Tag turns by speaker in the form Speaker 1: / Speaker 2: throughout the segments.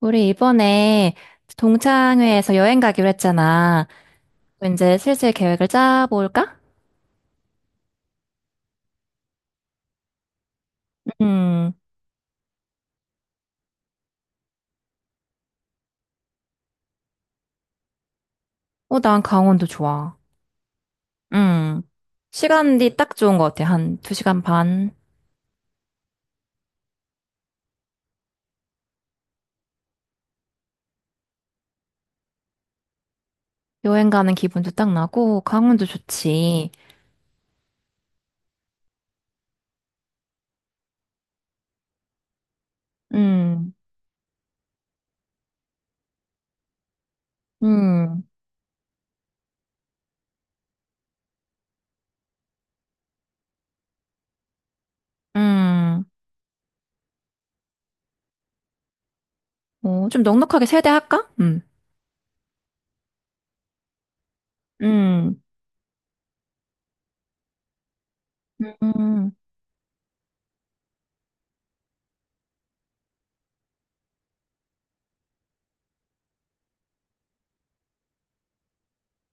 Speaker 1: 우리 이번에 동창회에서 여행 가기로 했잖아. 이제 슬슬 계획을 짜볼까? 음. 어, 난 강원도 좋아. 음. 시간이 딱 좋은 것 같아. 한 2시간 반. 여행 가는 기분도 딱 나고, 강원도 좋지. 음. 음. 음. 어, 좀 넉넉하게 세대할까? 음. 음. 음.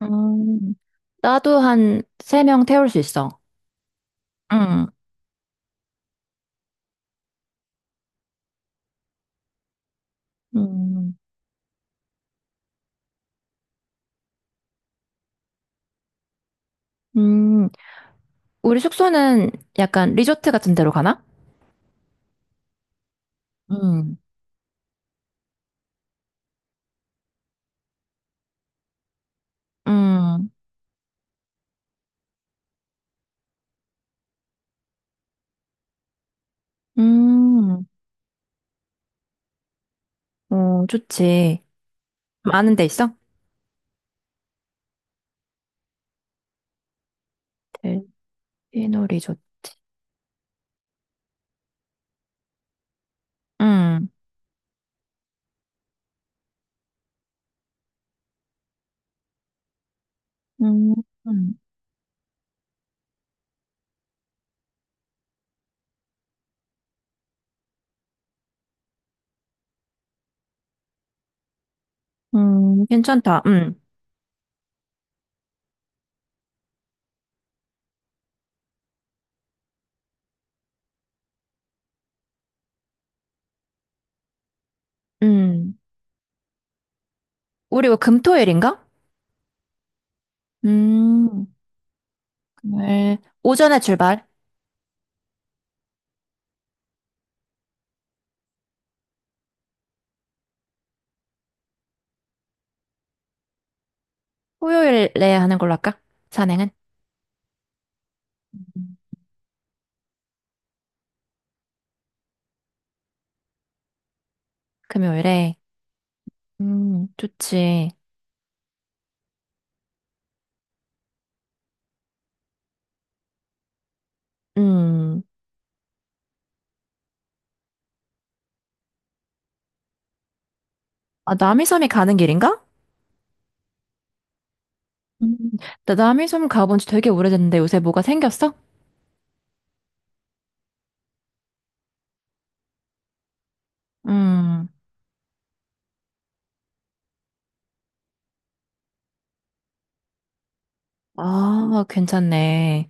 Speaker 1: 음. 나도 한 세 명 태울 수 있어. 음. 음. 음. 우리 숙소는 약간 리조트 같은 데로 가나? 음, 음, 음, 어, 좋지. 좀 아는 데 있어? 델피노 리조트. 음, 음, 음, 괜찮다. 음. 우리 뭐 금토일인가? 음, 금요일. 오전에 출발. 토요일에 하는 걸로 할까? 산행은? 금요일에. 좋지. 음, 아, 남이섬이 가는 길인가? 음, 나 남이섬 가본 지 되게 오래됐는데 요새 뭐가 생겼어? 음, 아, 괜찮네.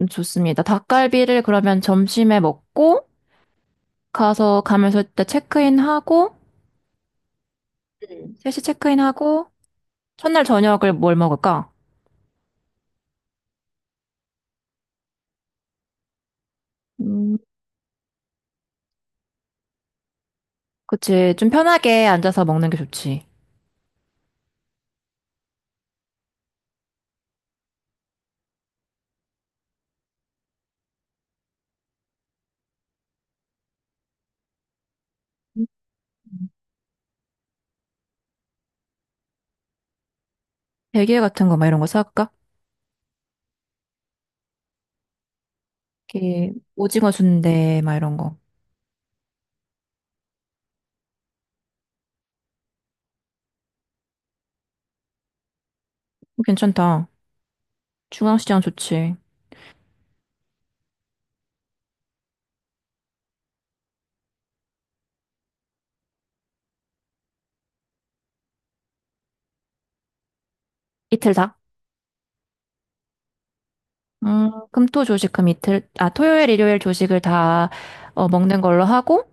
Speaker 1: 좋습니다. 닭갈비를 그러면 점심에 먹고, 가서 가면서 때 체크인하고, 3시 체크인하고, 첫날 저녁을 뭘 먹을까? 음, 그치. 좀 편하게 앉아서 먹는 게 좋지. 음. 대게 같은 거, 막 이런 거 사갈까? 이렇게, 오징어 순대, 막 이런 거. 괜찮다. 중앙시장 좋지. 이틀 다? 금, 토, 조식, 금 이틀, 아, 토요일, 일요일 조식을 다, 어, 먹는 걸로 하고,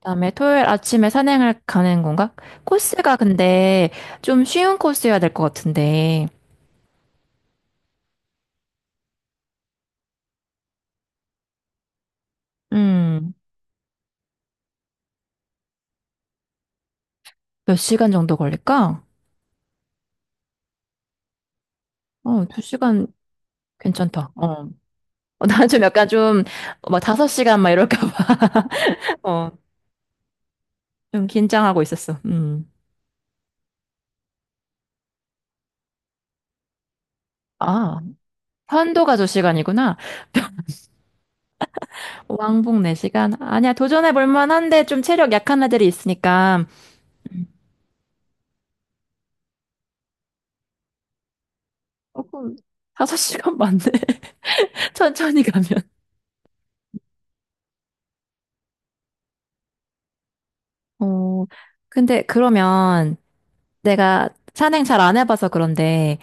Speaker 1: 그다음에 토요일 아침에 산행을 가는 건가? 코스가 근데 좀 쉬운 코스여야 될 것 같은데, 음, 몇 시간 정도 걸릴까? 어, 두 시간 괜찮다. 어, 어, 나는 좀 약간 좀, 막 다섯 시간 막 이럴까 봐. 어, 좀 긴장하고 있었어. 음. 아, 편도가 두 시간이구나. 왕복 네 시간. 아니야, 도전해 볼 만한데 좀 체력 약한 애들이 있으니까. 조금 다섯 시간 맞네. 천천히 가면. 어, 근데 그러면, 내가 산행 잘 안 해봐서 그런데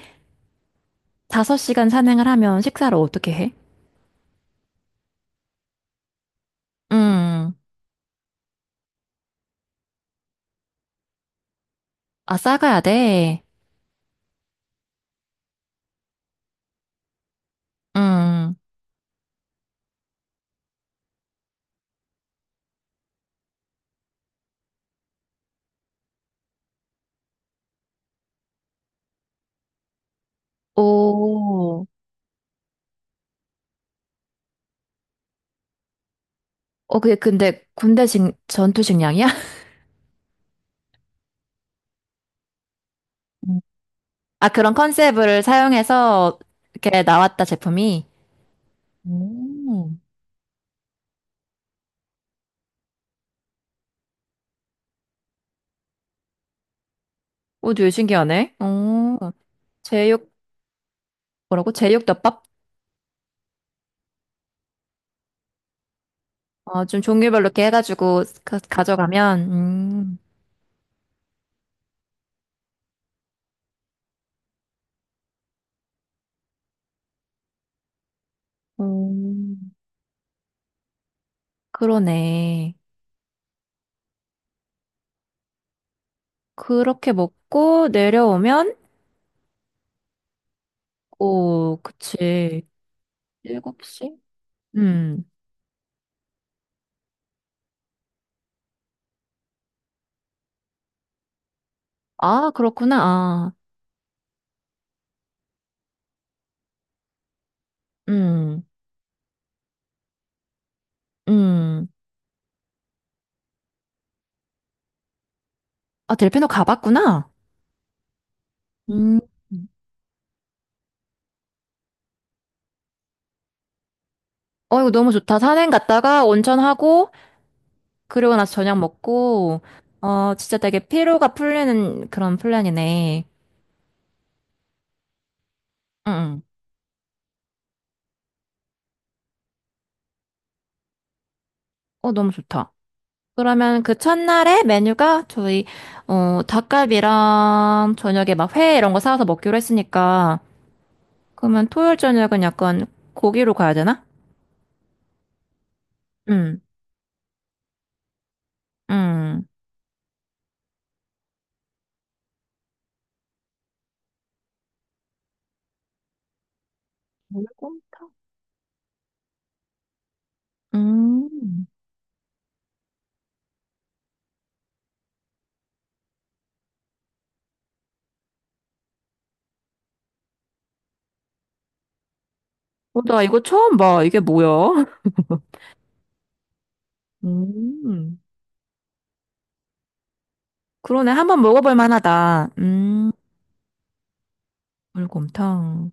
Speaker 1: 5시간 산행을 하면 식사를 어떻게 해? 음, 아, 싸가야 돼. 음, 오, 어, 그게 근데 군대 식, 전투 식량이야? 음. 아, 그런 컨셉을 사용해서 이렇게 나왔다, 제품이. 오, 오, 되게 신기하네. 오, 제육, 뭐라고? 제육덮밥? 어, 좀 종류별로 이렇게 해가지고 가, 져가면 오, 그러네. 그렇게 먹고 내려오면, 오, 그치. 7시? 음. 아, 그렇구나. 아, 음, 음. 아, 델피노 가봤구나. 음. 어, 이거 너무 좋다. 산행 갔다가 온천하고, 그리고 나서 저녁 먹고, 어, 진짜 되게 피로가 풀리는 그런 플랜이네. 응, 응. 어, 너무 좋다. 그러면 그 첫날에 메뉴가 저희, 어, 닭갈비랑 저녁에 막 회 이런 거 사와서 먹기로 했으니까, 그러면 토요일 저녁은 약간 고기로 가야 되나? 응, 응. 물곰탕. 음. 어, 나 이거 처음 봐. 이게 뭐야? 음. 그러네. 한 번 먹어볼 만하다. 물곰탕.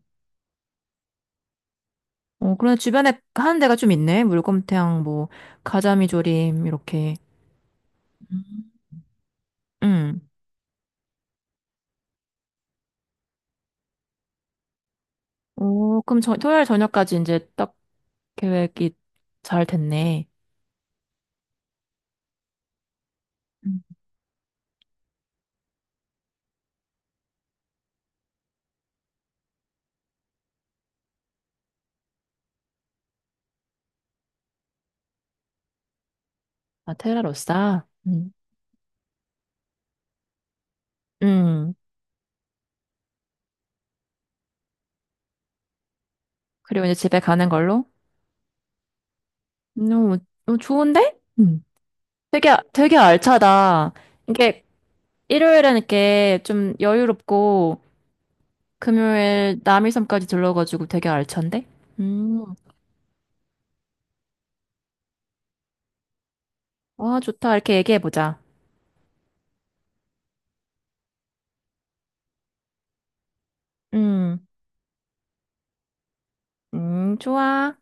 Speaker 1: 어, 그러네. 주변에 하는 데가 좀 있네. 물곰탕, 뭐, 가자미조림, 이렇게. 음. 음. 오, 그럼 저, 토요일 저녁까지 이제 딱 계획이 잘 됐네. 음. 아, 테라로사. 음. 음. 그리고 이제 집에 가는 걸로? 너무 어, 좋은데? 음. 되게, 되게 알차다. 이게 일요일엔 이렇게 좀 여유롭고 금요일 남일섬까지 들러가지고 되게 알찬데? 음, 와, 좋다. 이렇게 얘기해보자. 음, 좋아.